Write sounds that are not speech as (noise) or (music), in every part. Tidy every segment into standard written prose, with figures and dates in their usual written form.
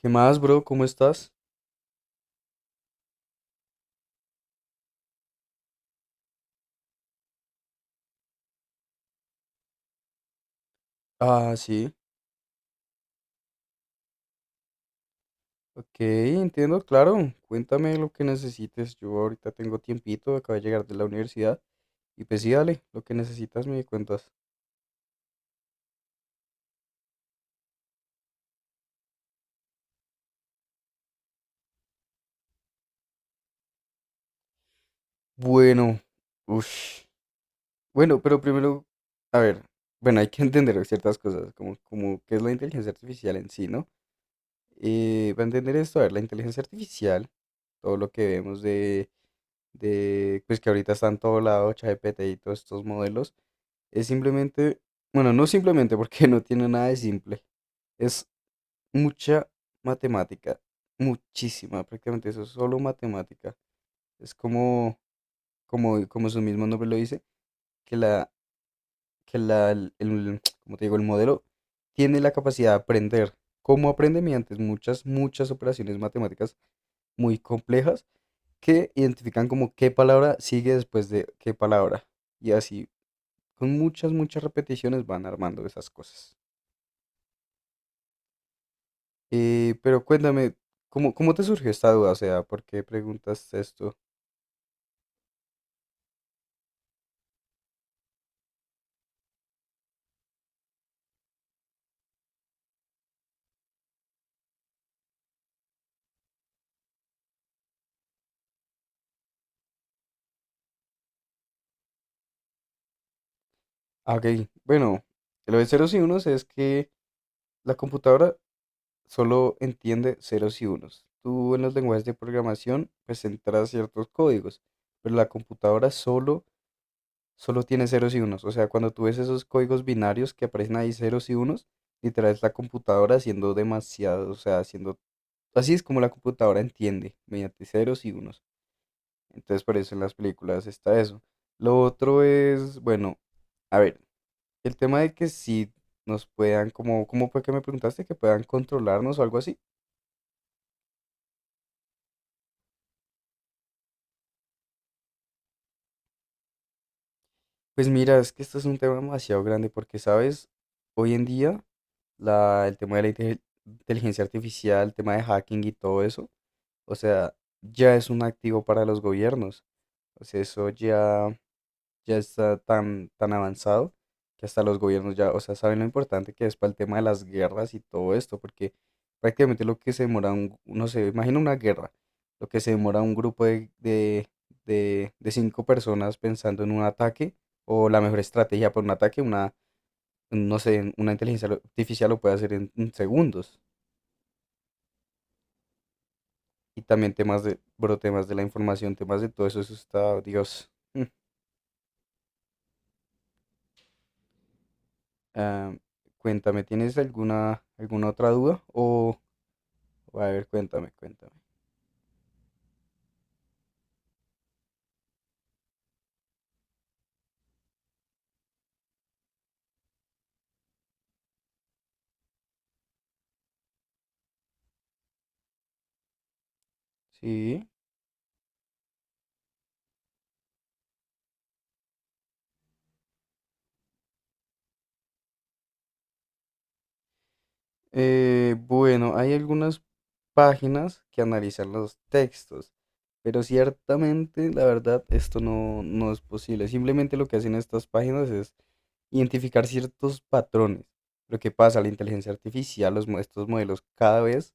¿Qué más, bro? ¿Cómo estás? Ah, sí. Ok, entiendo, claro. Cuéntame lo que necesites. Yo ahorita tengo tiempito, acabo de llegar de la universidad. Y pues sí, dale, lo que necesitas me cuentas. Bueno, uff. Bueno, pero primero, a ver, bueno, hay que (laughs) entender ciertas cosas, como, como qué es la inteligencia artificial en sí, ¿no? Para entender esto, a ver, la inteligencia artificial, todo lo que vemos de, pues que ahorita está en todo lado, ChatGPT y todos estos modelos. Es simplemente, bueno, no simplemente porque (laughs) no tiene nada de simple. Es mucha matemática, muchísima, prácticamente eso es solo matemática. Es como, como, como su mismo nombre lo dice, que la, que (tsk) como te digo, el modelo tiene la capacidad de aprender. ¿Cómo aprende? Mediante muchas, muchas operaciones matemáticas muy complejas que identifican como qué palabra sigue después de qué palabra. Y así, con muchas, muchas repeticiones van armando esas cosas. Pero cuéntame, ¿cómo, cómo te surgió esta duda? O sea, ¿por qué preguntas esto? Ah, Ok, bueno, lo de ceros y unos es que la computadora solo entiende ceros y unos. Tú en los lenguajes de programación pues entras ciertos códigos, pero la computadora solo, solo tiene ceros y unos. O sea, cuando tú ves esos códigos binarios que aparecen ahí ceros y unos, literal es la computadora haciendo demasiado, o sea, haciendo... Así es como la computadora entiende, mediante ceros y unos. Entonces por eso en las películas está eso. Lo otro es, bueno, a ver, el tema de que si nos puedan, como, ¿cómo fue que me preguntaste? Que puedan controlarnos o algo así. Pues mira, es que esto es un tema demasiado grande porque, ¿sabes? Hoy en día, el tema de la inteligencia artificial, el tema de hacking y todo eso, o sea, ya es un activo para los gobiernos. O sea, eso ya está tan, tan avanzado que hasta los gobiernos ya, o sea, saben lo importante que es para el tema de las guerras y todo esto, porque prácticamente lo que se demora, un, no sé, imagina una guerra, lo que se demora un grupo de cinco personas pensando en un ataque o la mejor estrategia para un ataque, una, no sé, una artificial lo puede hacer en segundos. Y también temas de, bro, temas de la información, temas de todo eso, eso está, Dios. Mm. Ah, cuéntame, ¿tienes alguna, alguna otra duda? O, a ver, cuéntame, cuéntame. Sí. Bueno, hay algunas páginas que analizan los textos, pero ciertamente, la verdad, esto no, no es posible. Simplemente lo que hacen estas páginas es identificar ciertos patrones. Lo que pasa, la inteligencia artificial, estos modelos cada vez,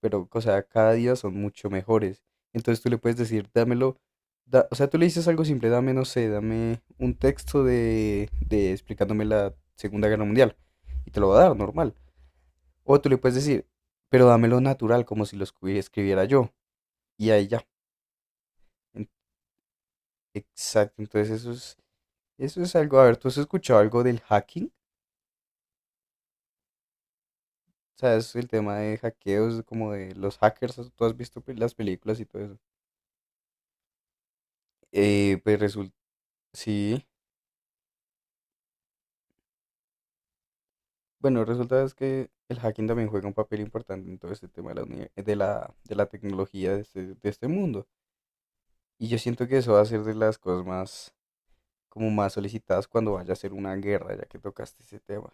pero, o sea, cada día son mucho mejores. Entonces tú le puedes decir, dámelo, o sea, tú le dices algo simple, dame, no sé, dame un texto de explicándome la Segunda Guerra Mundial y te lo va a dar, normal. O tú le puedes decir, pero dámelo natural, como si lo escribiera yo. Y ahí ya. En- Exacto, entonces eso es algo, a ver, ¿tú has escuchado algo del hacking? O sea, es el tema de hackeos, como de los hackers, tú has visto las películas y todo eso. Pues resulta, sí, bueno, resulta es que el hacking también juega un papel importante en todo este tema de la, de la tecnología de este mundo. Y yo siento que eso va a ser de las cosas más, como más solicitadas cuando vaya a ser una guerra, ya que tocaste ese tema.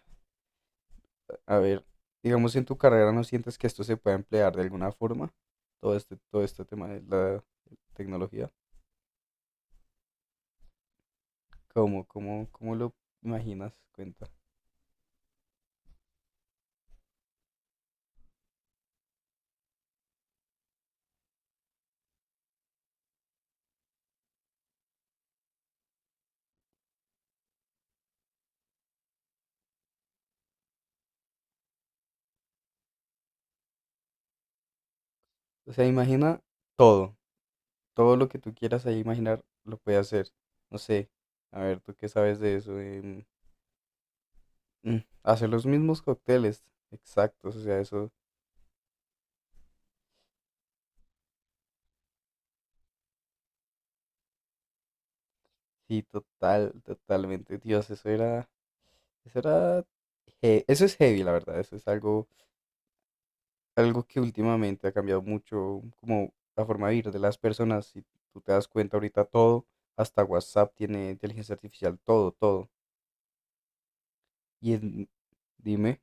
A ver, digamos en tu carrera, ¿no sientes que esto se puede emplear de alguna forma? Todo este tema de la tecnología. ¿Cómo, cómo, cómo lo imaginas? Cuenta. O sea, imagina todo, todo lo que tú quieras ahí imaginar lo puedes hacer. No sé, a ver, ¿tú qué sabes de eso? Mm, Hacer los mismos cócteles, exactos, o sea, eso sí, total, totalmente. Dios, eso era, eso era, eso es heavy, la verdad, eso es algo, algo que últimamente ha cambiado mucho, como la forma de vivir de las personas. Si tú te das cuenta ahorita todo, hasta WhatsApp tiene inteligencia artificial, todo, todo. Y en- Dime.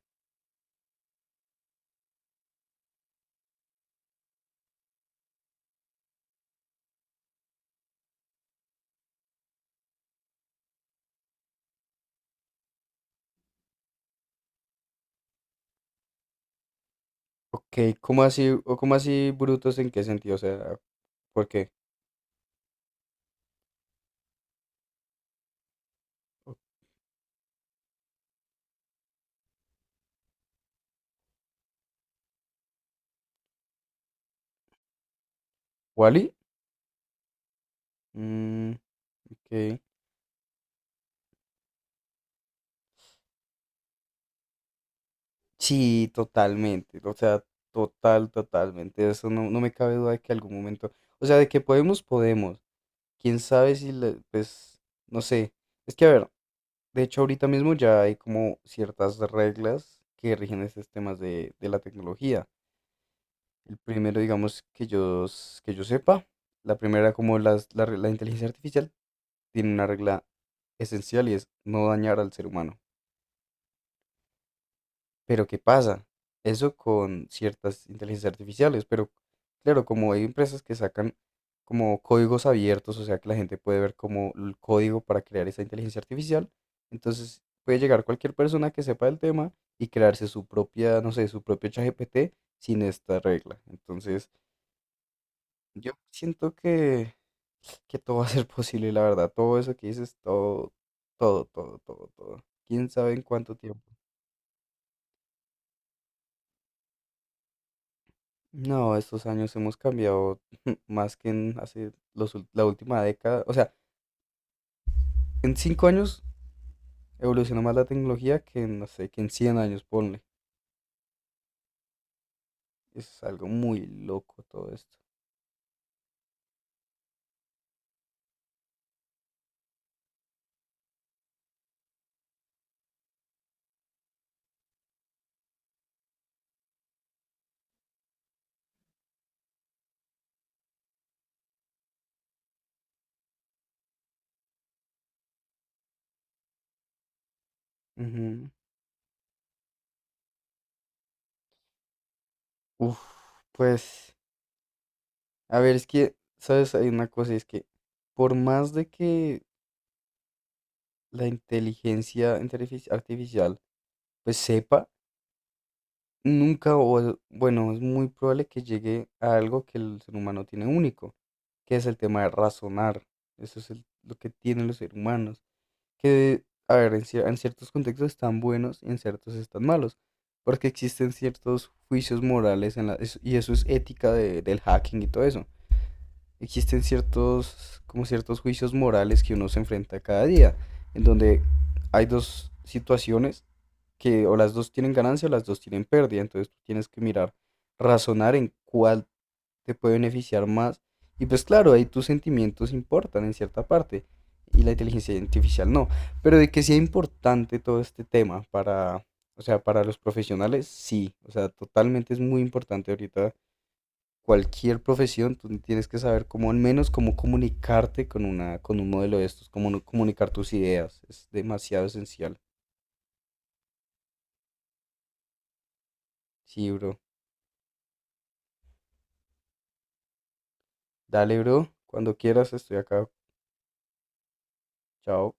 Ok, ¿cómo así, o cómo así brutos en qué sentido? O sea, ¿por qué? ¿Wally? Mm, ok. Sí, totalmente. O sea, total, totalmente. Eso no, no me cabe duda de que algún momento. O sea, de que podemos, podemos. Quién sabe si, pues, no sé. Es que, a ver, de hecho, ahorita mismo ya hay como ciertas reglas que rigen estos temas de la tecnología. El primero, digamos, que yo, que yo sepa. La primera, como la inteligencia artificial tiene una regla esencial y es no dañar al ser humano. Pero ¿qué pasa? Eso con ciertas inteligencias artificiales, pero claro, como hay empresas que sacan como códigos abiertos, o sea que la gente puede ver como el código para crear esa inteligencia artificial, entonces puede llegar cualquier persona que sepa del tema y crearse su propia, no sé, su propio ChatGPT sin esta regla. Entonces, yo siento que todo va a ser posible, la verdad. Todo eso que dices, todo, todo, todo, todo, todo. ¿Quién sabe en cuánto tiempo? No, estos años hemos cambiado (laughs) más que en hace la última década. O sea, en 5 años evolucionó más la tecnología que en, no sé, que en 100 años, ponle. Es algo muy loco todo esto. Ujú. Uf, pues, a ver, es que, ¿sabes? Hay una cosa, es que por más de que la artificial pues sepa, nunca, bueno, es muy probable que llegue a algo que el ser humano tiene único, que es el tema de razonar. Eso es lo que tienen los seres humanos. Que, a ver, en ciertos contextos están buenos y en ciertos están malos. Porque existen ciertos juicios morales en la, y eso es ética del hacking y todo eso. Existen ciertos, como ciertos juicios morales que uno se enfrenta cada día, en donde hay dos situaciones que o las dos tienen ganancia o las dos tienen pérdida. Entonces tú tienes que mirar, razonar en cuál te puede beneficiar más. Y pues claro, ahí tus sentimientos importan en cierta parte y la inteligencia artificial no. Pero de que sea importante todo este tema para, o sea, para los profesionales, sí. O sea, totalmente es muy importante ahorita cualquier profesión, tú tienes que saber cómo al menos cómo comunicarte con una, con un modelo de estos, cómo no comunicar tus ideas. Es demasiado esencial. Sí, bro. Dale, bro. Cuando quieras, estoy acá. Chao.